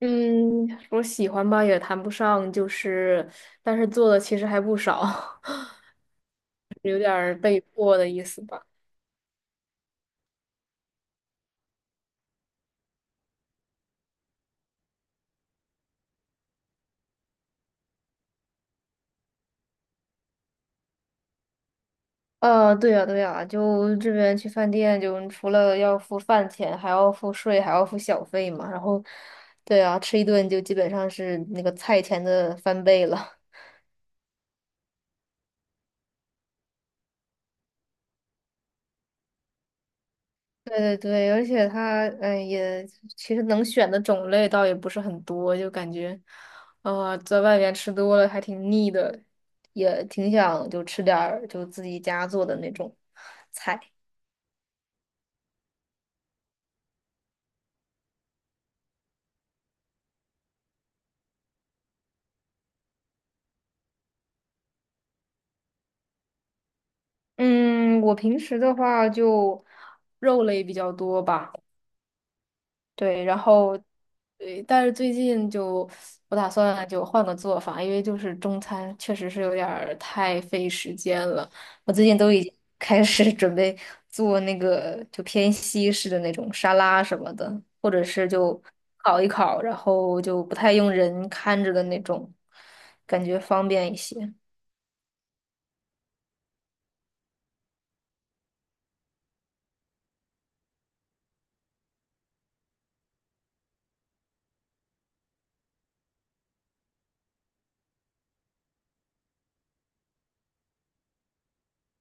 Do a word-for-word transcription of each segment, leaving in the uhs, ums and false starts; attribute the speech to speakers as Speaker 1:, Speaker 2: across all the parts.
Speaker 1: 嗯，我喜欢吧，也谈不上，就是，但是做的其实还不少，有点儿被迫的意思吧。呃，对呀，对呀，就这边去饭店，就除了要付饭钱，还要付税，还要付小费嘛。然后，对啊，吃一顿就基本上是那个菜钱的翻倍了。对对对，而且它嗯也其实能选的种类倒也不是很多，就感觉，呃，在外面吃多了还挺腻的，也挺想就吃点儿就自己家做的那种菜。嗯，我平时的话就肉类比较多吧。对，然后对，但是最近就我打算就换个做法，因为就是中餐确实是有点儿太费时间了。我最近都已经开始 准备做那个就偏西式的那种沙拉什么的，或者是就烤一烤，然后就不太用人看着的那种，感觉方便一些。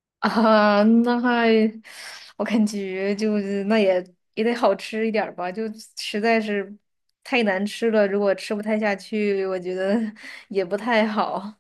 Speaker 1: 啊，那还，我感觉就是那也也得好吃一点儿吧，就实在是太难吃了，如果吃不太下去，我觉得 也不太好。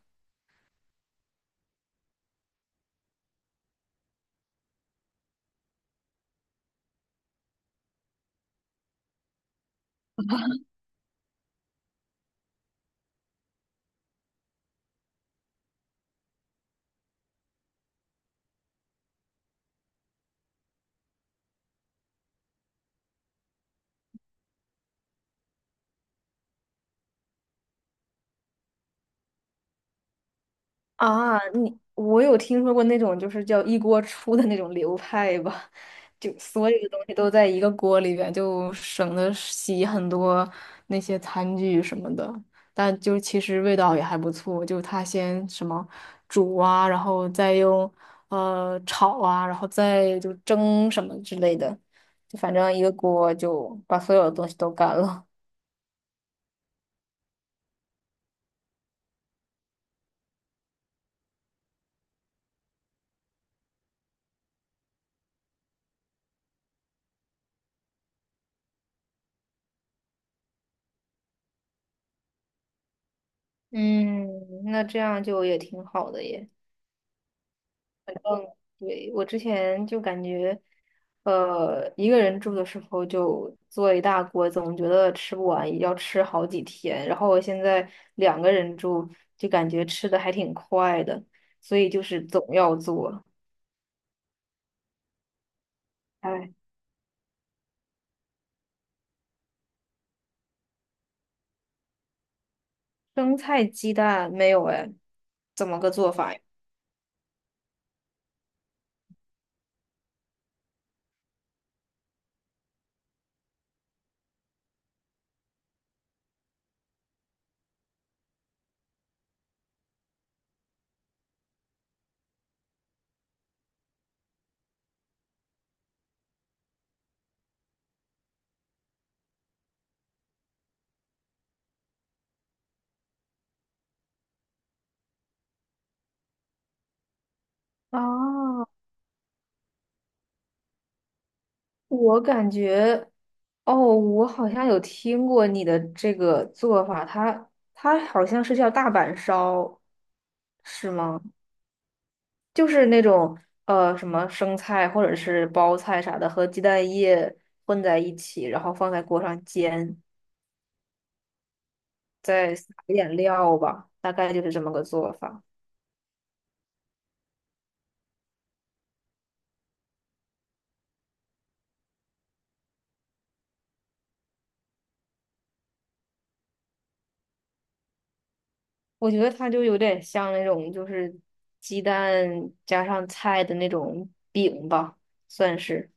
Speaker 1: 啊，你我有听说过那种就是叫一锅出的那种流派吧，就所有的东西都在一个锅里边，就省得洗很多那些餐具什么的。但就其实味道也还不错，就他先什么煮啊，然后再用呃炒啊，然后再就蒸什么之类的，就反正一个锅就把所有的东西都干了。嗯，那这样就也挺好的耶。对，我之前就感觉，呃，一个人住的时候就做一大锅，总觉得吃不完，也要吃好几天。然后我现在两个人住，就感觉吃的还挺快的，所以就是总要做。哎，生菜鸡蛋没有哎，怎么个做法呀？啊，我感觉，哦，我好像有听过你的这个做法，它它好像是叫大阪烧，是吗？就是那种呃什么生菜或者是包菜啥的，和鸡蛋液混在一起，然后放在锅上煎，再撒一点料吧，大概就是这么个做法。我觉得它就有点像那种就是鸡蛋加上菜的那种饼吧，算是。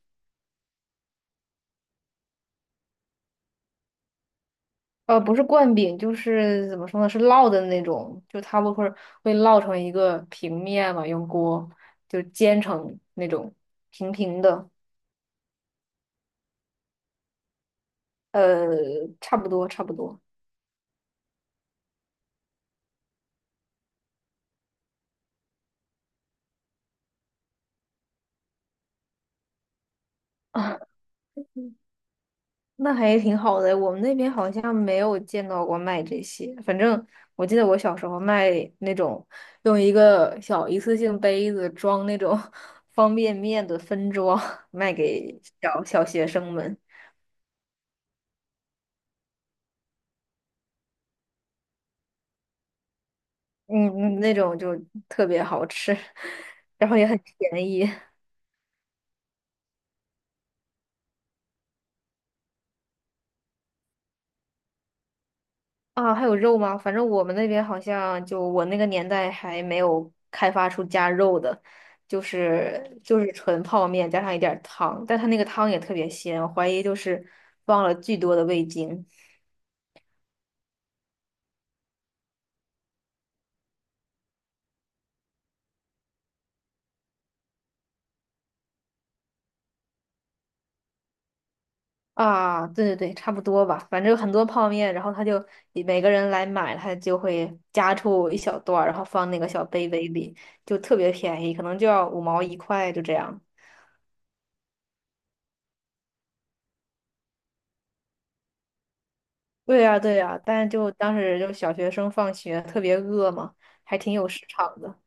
Speaker 1: 呃，不是灌饼，就是怎么说呢，是烙的那种，就它不会会烙成一个平面嘛，用锅就煎成那种平平的。呃，差不多，差不多。啊，那还挺好的。我们那边好像没有见到过卖这些。反正我记得我小时候卖那种用一个小一次性杯子装那种 方便面的分装，卖给小小学生们。嗯，嗯那种就特别好吃，然后也很便宜。啊，还有肉吗？反正我们那边好像就我那个年代还没有开发出加肉的，就是就是纯泡面加上一点儿汤，但它那个汤也特别鲜，我怀疑就是放了巨多的味精啊。对对对，差不多吧，反正很多泡面，然后他就每个人来买，他就会夹出一小段儿，然后放那个小杯杯里，就特别便宜，可能就要五毛一块，就这样。对呀，对呀，但就当时就小学生放学特别饿嘛，还挺有市场的。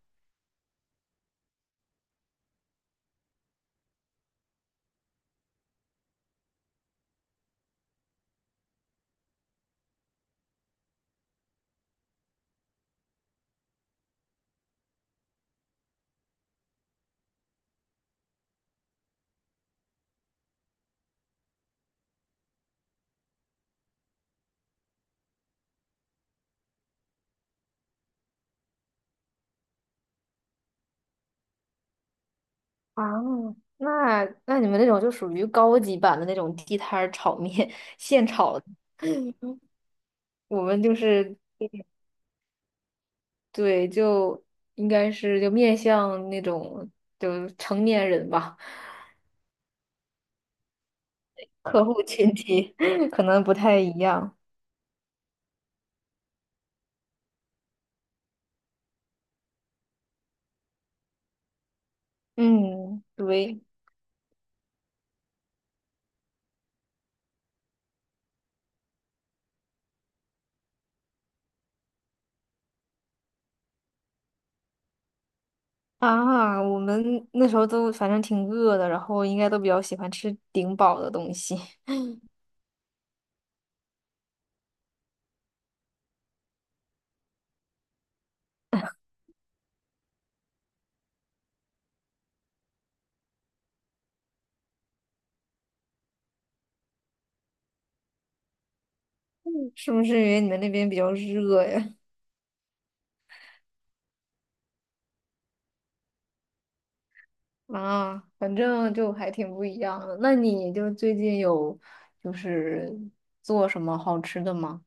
Speaker 1: 啊，那那你们那种就属于高级版的那种地摊儿炒面，现炒的我们就是对，就应该是就面向那种就成年人吧，客户群体 可能不太一样。嗯，对啊，我们那时候都反正挺饿的，然后应该都比较喜欢吃顶饱的东西。是不是因为你们那边比较热呀？啊，反正就还挺不一样的。那你就最近有就是做什么好吃的吗？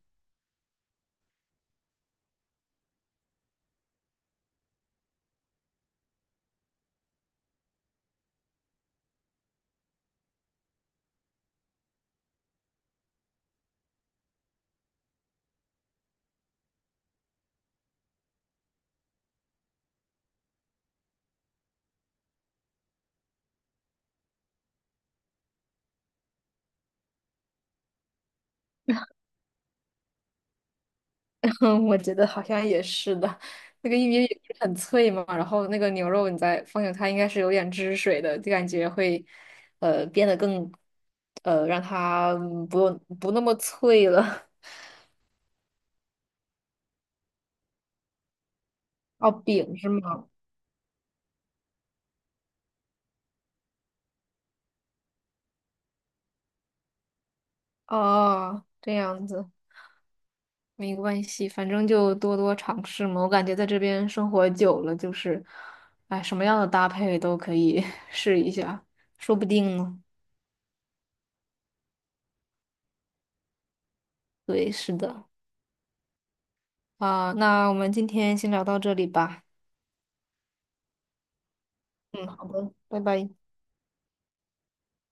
Speaker 1: 嗯我觉得好像也是的，那个玉米饼不是很脆嘛，然后那个牛肉你再放进它应该是有点汁水的，就感觉会呃变得更呃让它嗯不用不那么脆了。哦，饼是吗？哦，这样子。没关系，反正就多多尝试嘛。我感觉在这边生活久了，就是，哎，什么样的搭配都可以 试一下，说不定呢。对，是的。啊，那我们今天先聊到这里吧。嗯，好的，拜拜。